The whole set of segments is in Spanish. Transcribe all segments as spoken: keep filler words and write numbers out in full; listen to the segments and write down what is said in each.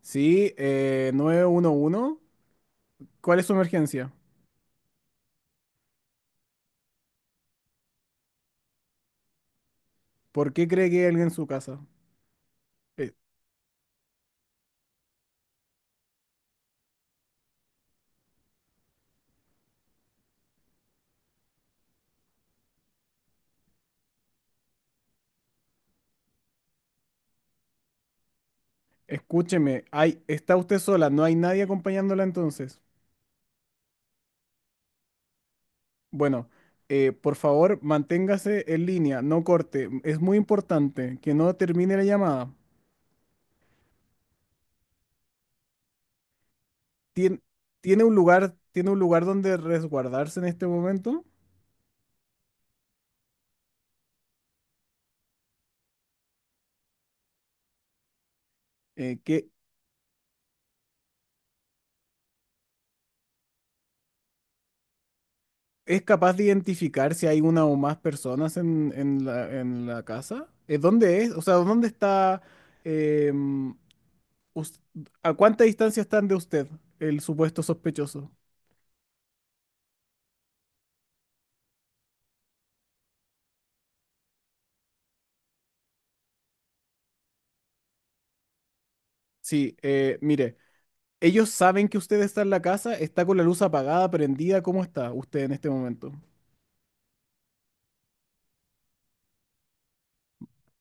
Sí, eh, nueve uno. uno. ¿Cuál es su emergencia? ¿Por qué cree que hay alguien en su casa? Eh, Escúcheme, hay, está usted sola, no hay nadie acompañándola entonces. Bueno, eh, por favor, manténgase en línea, no corte. Es muy importante que no termine la llamada. Tien- ¿tiene un lugar, tiene un lugar donde resguardarse en este momento? Eh, ¿qué- ¿Es capaz de identificar si hay una o más personas en, en la, en la casa? Eh, ¿dónde es? O sea, ¿dónde está? em, us- ¿A cuánta distancia están de usted, el supuesto sospechoso? Sí, eh, mire, ellos saben que usted está en la casa, está con la luz apagada, prendida, ¿cómo está usted en este momento?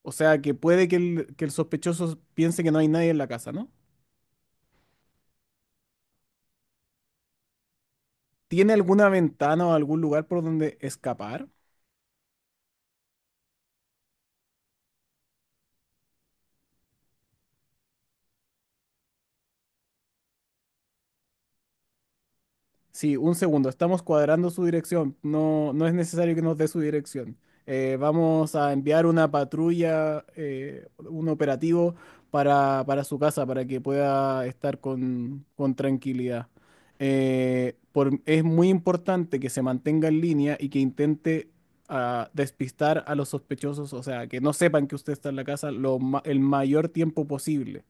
O sea, que puede que el, que el sospechoso piense que no hay nadie en la casa, ¿no? ¿Tiene alguna ventana o algún lugar por donde escapar? Sí, un segundo, estamos cuadrando su dirección. No, no es necesario que nos dé su dirección. Eh, vamos a enviar una patrulla, eh, un operativo para, para su casa, para que pueda estar con, con tranquilidad. Eh, por- es muy importante que se mantenga en línea y que intente ah, despistar a los sospechosos, o sea, que no sepan que usted está en la casa lo ma- el mayor tiempo posible.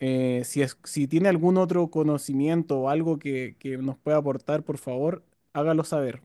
Eh, si es, si tiene algún otro conocimiento o algo que, que nos pueda aportar, por favor, hágalo saber.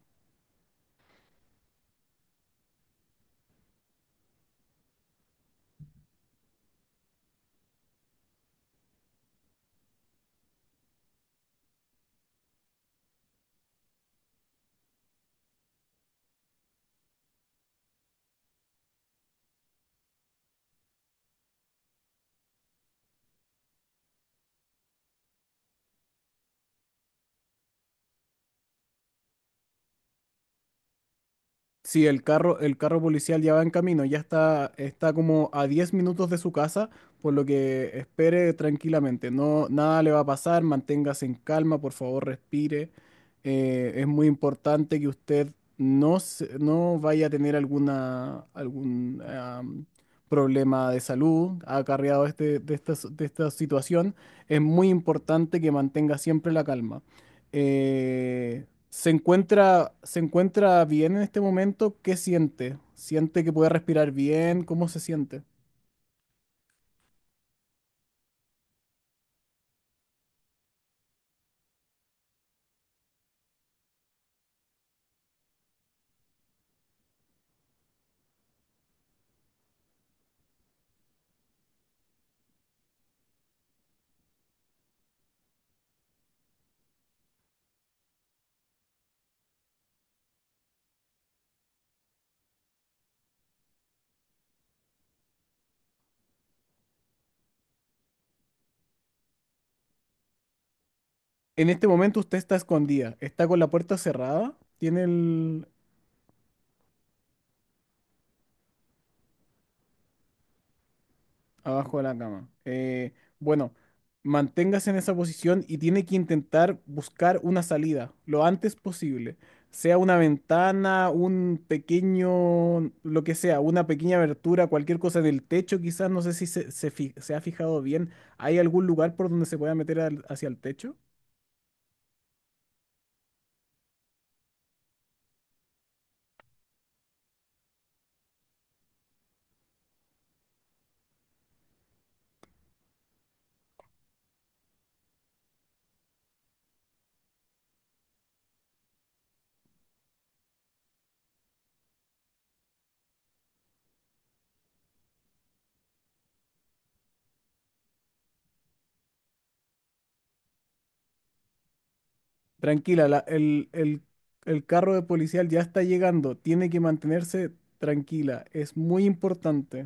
Sí, el carro, el carro policial ya va en camino, ya está, está como a diez minutos de su casa, por lo que espere tranquilamente. No, nada le va a pasar, manténgase en calma, por favor, respire. Eh, es muy importante que usted no, se- no vaya a tener alguna, algún am, problema de salud acarreado de, este, de, esta, de esta situación. Es muy importante que mantenga siempre la calma. Eh, ¿se encuentra, se encuentra bien en este momento? ¿Qué siente? ¿Siente que puede respirar bien? ¿Cómo se siente? En este momento usted está escondida, está con la puerta cerrada, tiene el, abajo de la cama. Eh, bueno, manténgase en esa posición y tiene que intentar buscar una salida lo antes posible. Sea una ventana, un pequeño, lo que sea, una pequeña abertura, cualquier cosa en el techo, quizás, no sé si se, se fi- se ha fijado bien. ¿Hay algún lugar por donde se pueda meter al- hacia el techo? Tranquila, la- el, el el carro de policial ya está llegando. Tiene que mantenerse tranquila. Es muy importante.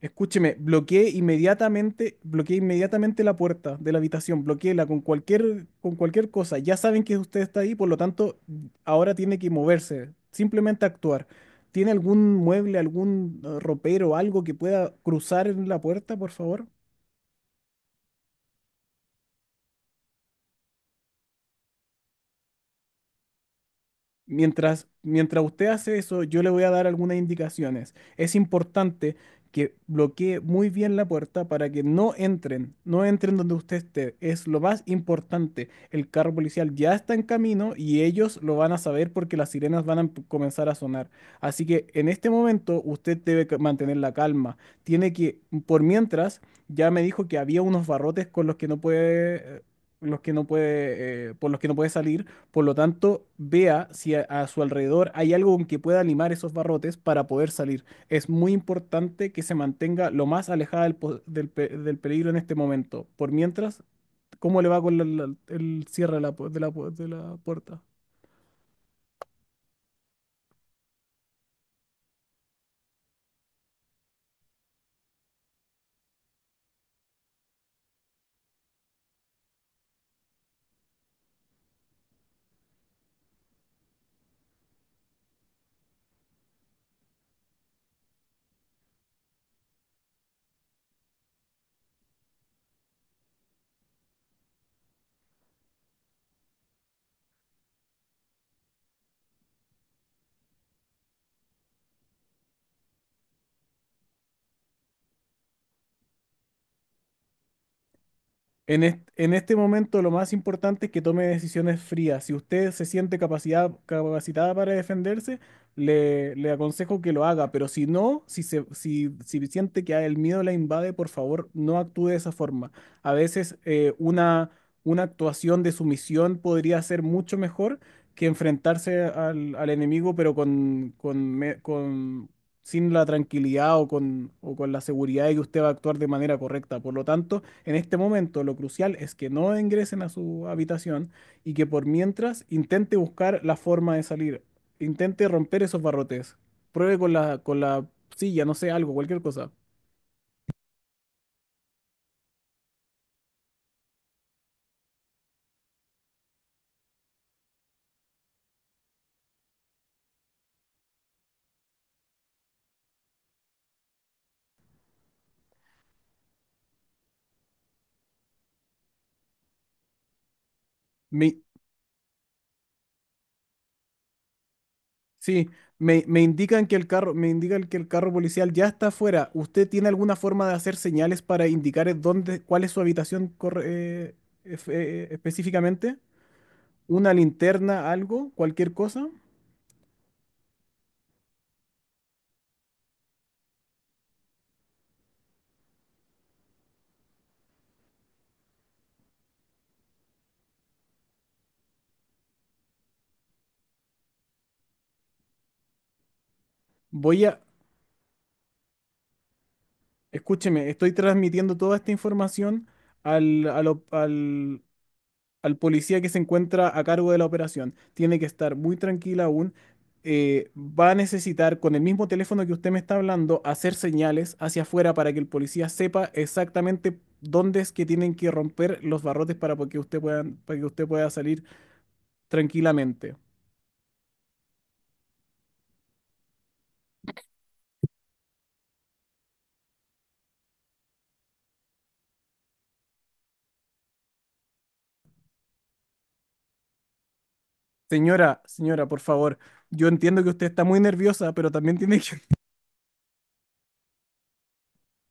Escúcheme, bloqueé inmediatamente, bloqueé inmediatamente la puerta de la habitación, bloqueéla con cualquier, con cualquier cosa. Ya saben que usted está ahí, por lo tanto, ahora tiene que moverse, simplemente actuar. ¿Tiene algún mueble, algún eh, ropero, algo que pueda cruzar en la puerta, por favor? Mientras, mientras usted hace eso, yo le voy a dar algunas indicaciones. Es importante que bloquee muy bien la puerta para que no entren, no entren donde usted esté. Es lo más importante. El carro policial ya está en camino y ellos lo van a saber porque las sirenas van a emp- comenzar a sonar. Así que en este momento usted debe ca- mantener la calma. Tiene que, por mientras, ya me dijo que había unos barrotes con los que no puede, eh, los que no puede, eh, por los que no puede salir. Por lo tanto, vea si a, a su alrededor hay algo con que pueda animar esos barrotes para poder salir. Es muy importante que se mantenga lo más alejada del, po- del pe- del peligro en este momento. Por mientras, ¿cómo le va con la- la- el cierre de la, pu- de la pu- de la puerta? En est- en este momento lo más importante es que tome decisiones frías. Si usted se siente capacidad, capacitada para defenderse, le, le aconsejo que lo haga, pero si no, si, se, si, si siente que el miedo la invade, por favor, no actúe de esa forma. A veces eh, una, una actuación de sumisión podría ser mucho mejor que enfrentarse al, al enemigo, pero con, con, me- con, sin la tranquilidad o con, o con la seguridad de que usted va a actuar de manera correcta. Por lo tanto, en este momento, lo crucial es que no ingresen a su habitación y que por mientras intente buscar la forma de salir. Intente romper esos barrotes. Pruebe con la, con la silla, no sé, algo, cualquier cosa. Me- sí, me, me indican que el carro, me indican que el carro policial ya está afuera. ¿Usted tiene alguna forma de hacer señales para indicar eh, dónde, cuál es su habitación corre- eh, ef- eh, específicamente? ¿Una linterna, algo, cualquier cosa? Voy a, escúcheme, estoy transmitiendo toda esta información al, al op- al- al policía que se encuentra a cargo de la operación. Tiene que estar muy tranquila aún. Eh, va a necesitar, con el mismo teléfono que usted me está hablando, hacer señales hacia afuera para que el policía sepa exactamente dónde es que tienen que romper los barrotes para que usted pueda, para que usted pueda salir tranquilamente. Señora, señora, por favor, yo entiendo que usted está muy nerviosa, pero también tiene que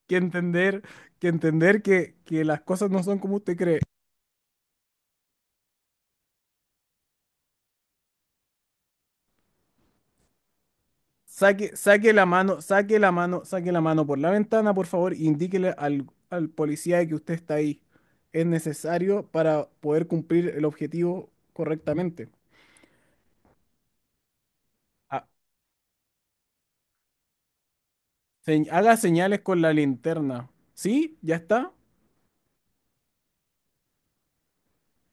que entender, que entender que, que las cosas no son como usted cree. Saque, saque la mano, saque la mano, saque la mano por la ventana, por favor, e indíquele al, al policía de que usted está ahí. Es necesario para poder cumplir el objetivo correctamente. Ha- se- Haga señales con la linterna. ¿Sí? ¿Ya está?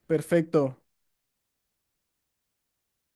Perfecto.